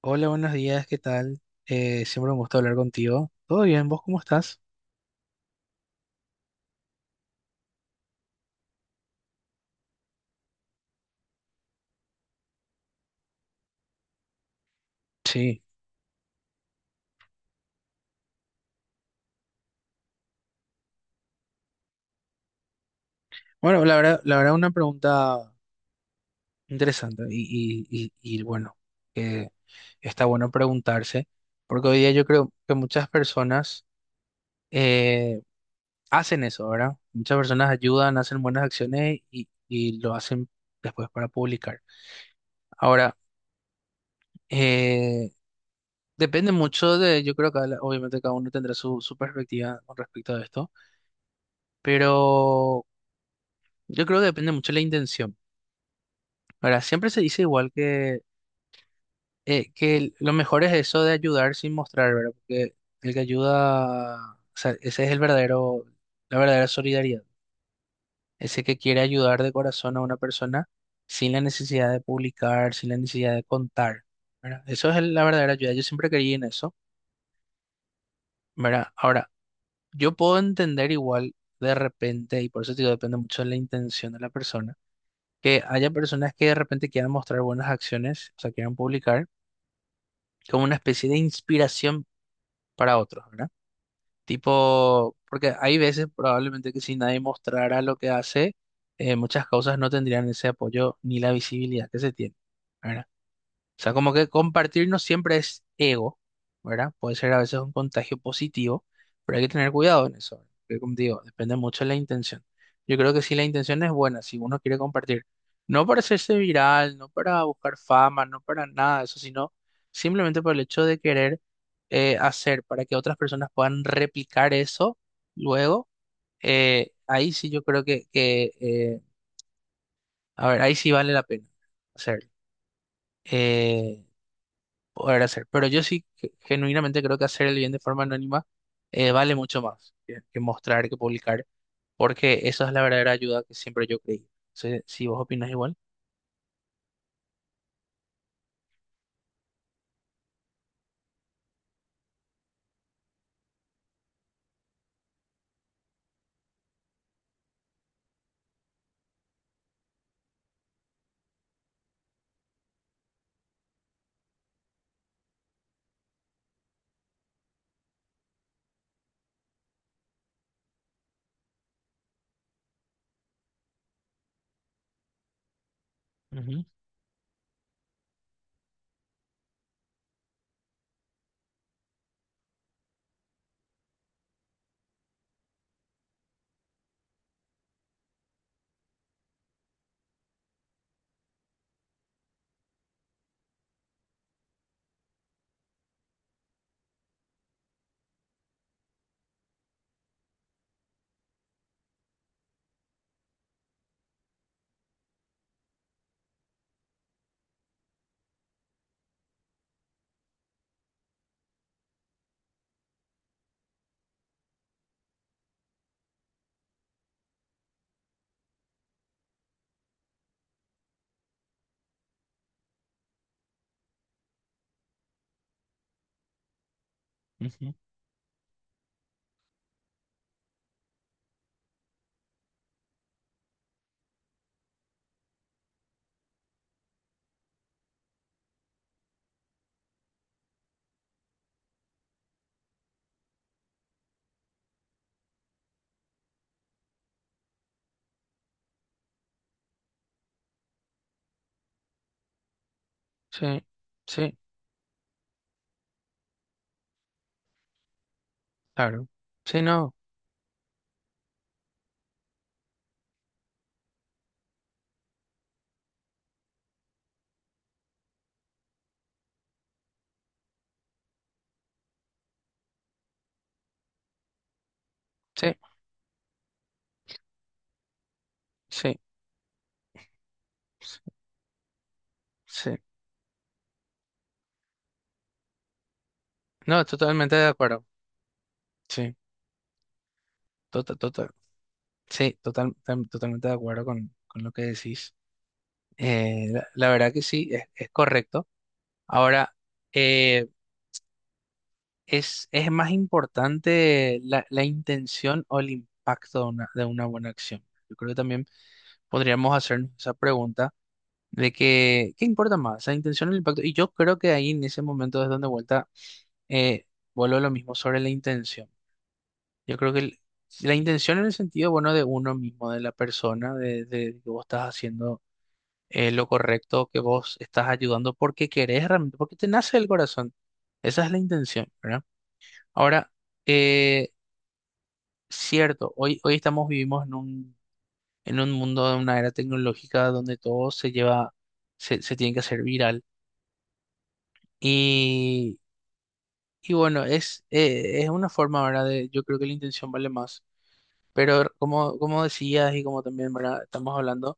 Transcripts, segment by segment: Hola, buenos días, ¿qué tal? Siempre un gusto hablar contigo. ¿Todo bien? ¿Vos cómo estás? Sí. Bueno, la verdad una pregunta interesante y bueno, que está bueno preguntarse, porque hoy día yo creo que muchas personas eh, hacen eso, ¿verdad? Muchas personas ayudan, hacen buenas acciones y lo hacen después para publicar. Ahora, eh, depende mucho de, yo creo que obviamente cada uno tendrá su perspectiva con respecto a esto, pero... Yo creo que depende mucho de la intención. Ahora, siempre se dice igual que lo mejor es eso de ayudar sin mostrar, ¿verdad? Porque el que ayuda, o sea, ese es el verdadero, la verdadera solidaridad. Ese que quiere ayudar de corazón a una persona sin la necesidad de publicar, sin la necesidad de contar, ¿verdad? Eso es la verdadera ayuda. Yo siempre creí en eso, ¿verdad? Ahora, yo puedo entender igual de repente, y por eso te digo, depende mucho de la intención de la persona, que haya personas que de repente quieran mostrar buenas acciones, o sea, quieran publicar como una especie de inspiración para otros, ¿verdad? Tipo, porque hay veces probablemente que si nadie mostrara lo que hace, muchas causas no tendrían ese apoyo ni la visibilidad que se tiene, ¿verdad? O sea, como que compartir no siempre es ego, ¿verdad? Puede ser a veces un contagio positivo, pero hay que tener cuidado en eso. Que como te digo, depende mucho de la intención. Yo creo que si la intención es buena, si uno quiere compartir, no para hacerse viral, no para buscar fama, no para nada de eso, sino simplemente por el hecho de querer hacer, para que otras personas puedan replicar eso luego, ahí sí yo creo que, que, a ver, ahí sí vale la pena hacerlo. Eh, Poder hacer. Pero yo sí genuinamente creo que hacer el bien de forma anónima vale mucho más que mostrar, que publicar, porque eso es la verdadera ayuda que siempre yo creí. Si, si vos opinas igual. Ujú, ujú. Sí, sí, claro. Sí, no, sí, sí, sí. Sí. No, totalmente de acuerdo. Sí, total, total. Sí, totalmente de acuerdo con lo que decís. La, la verdad que sí, es correcto. Ahora, eh, es más importante la, la intención o el impacto de una buena acción. Yo creo que también podríamos hacernos esa pregunta de que, ¿qué importa más? ¿La intención o el impacto? Y yo creo que ahí en ese momento es donde vuelta, eh, vuelvo a lo mismo sobre la intención. Yo creo que la intención en el sentido, bueno, de uno mismo, de la persona, de que vos estás haciendo lo correcto, que vos estás ayudando porque querés realmente, porque te nace el corazón. Esa es la intención, ¿verdad? Ahora, eh, cierto, hoy estamos vivimos en un mundo de una era tecnológica donde todo se lleva, se tiene que hacer viral. Y, y bueno, es una forma, ¿verdad? De, yo creo que la intención vale más. Pero como, como decías y como también, ¿verdad? Estamos hablando,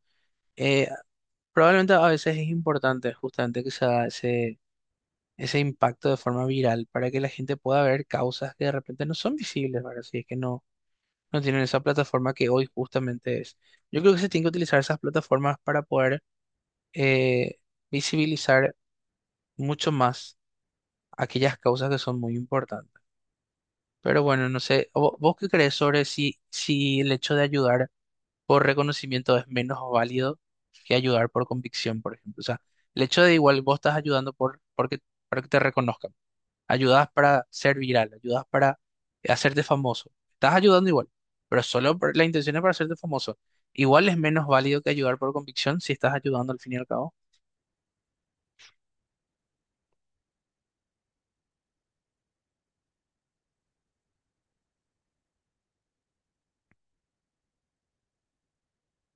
eh, probablemente a veces es importante justamente que se haga ese, ese impacto de forma viral para que la gente pueda ver causas que de repente no son visibles, ¿verdad? Si es que no no tienen esa plataforma que hoy justamente es. Yo creo que se tienen que utilizar esas plataformas para poder eh, visibilizar mucho más aquellas causas que son muy importantes. Pero bueno, no sé, ¿vos, qué crees sobre si, si el hecho de ayudar por reconocimiento es menos válido que ayudar por convicción, por ejemplo? O sea, el hecho de igual vos estás ayudando por, porque, para que te reconozcan. Ayudas para ser viral, ayudas para hacerte famoso. Estás ayudando igual, pero solo por, la intención es para hacerte famoso. ¿Igual es menos válido que ayudar por convicción si estás ayudando al fin y al cabo?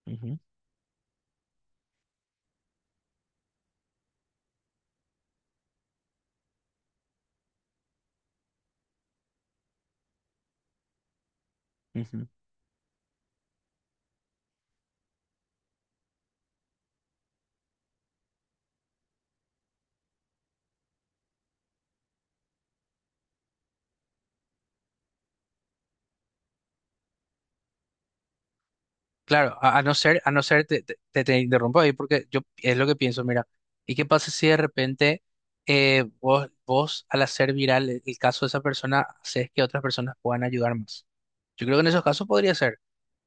Ujú, ujú. Claro, a no ser, te interrumpo ahí porque yo es lo que pienso, mira, ¿y qué pasa si de repente vos al hacer viral el caso de esa persona, haces que otras personas puedan ayudar más? Yo creo que en esos casos podría ser.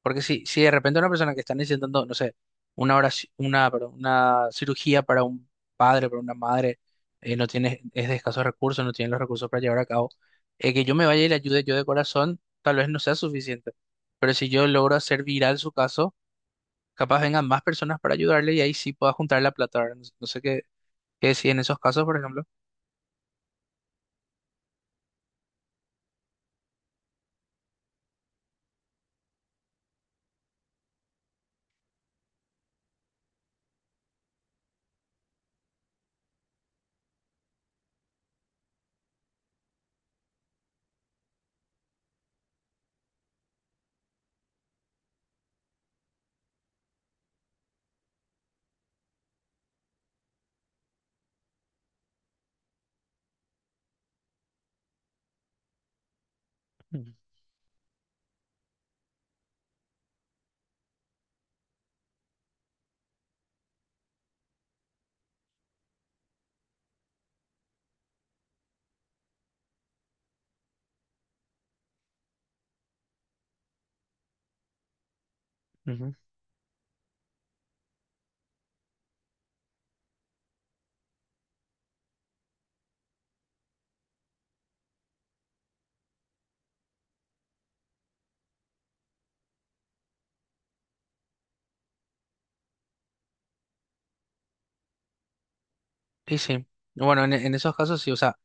Porque si, si de repente una persona que está necesitando, no sé, perdón, una cirugía para un padre, para una madre, no tiene, es de escasos recursos, no tiene los recursos para llevar a cabo, que yo me vaya y le ayude yo de corazón, tal vez no sea suficiente. Pero si yo logro hacer viral su caso, capaz vengan más personas para ayudarle y ahí sí pueda juntar la plata, ¿verdad? No sé qué decir en esos casos, por ejemplo. Ujú. Sí, sí. Bueno, en esos casos sí, o sea,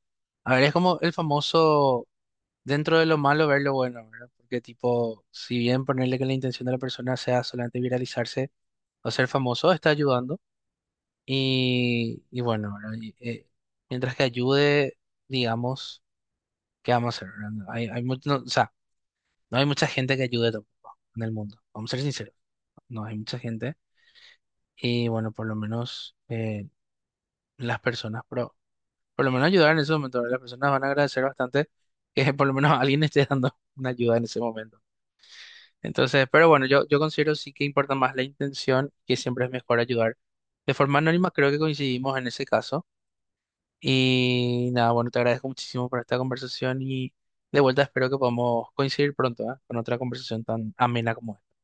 a ver, es como el famoso, dentro de lo malo ver lo bueno, ¿verdad? Porque tipo, si bien ponerle que la intención de la persona sea solamente viralizarse o ser famoso, está ayudando. Y bueno, ¿verdad? Mientras que ayude, digamos, ¿qué vamos a hacer, verdad? No hay, no, o sea, no hay mucha gente que ayude tampoco en el mundo. Vamos a ser sinceros, no hay mucha gente. Y bueno, por lo menos las personas, pero por lo menos ayudar en ese momento, ¿verdad? Las personas van a agradecer bastante que por lo menos alguien esté dando una ayuda en ese momento. Entonces, pero bueno, yo considero sí que importa más la intención, que siempre es mejor ayudar. De forma anónima, creo que coincidimos en ese caso. Y nada, bueno, te agradezco muchísimo por esta conversación y de vuelta espero que podamos coincidir pronto, ¿eh? Con otra conversación tan amena como esta.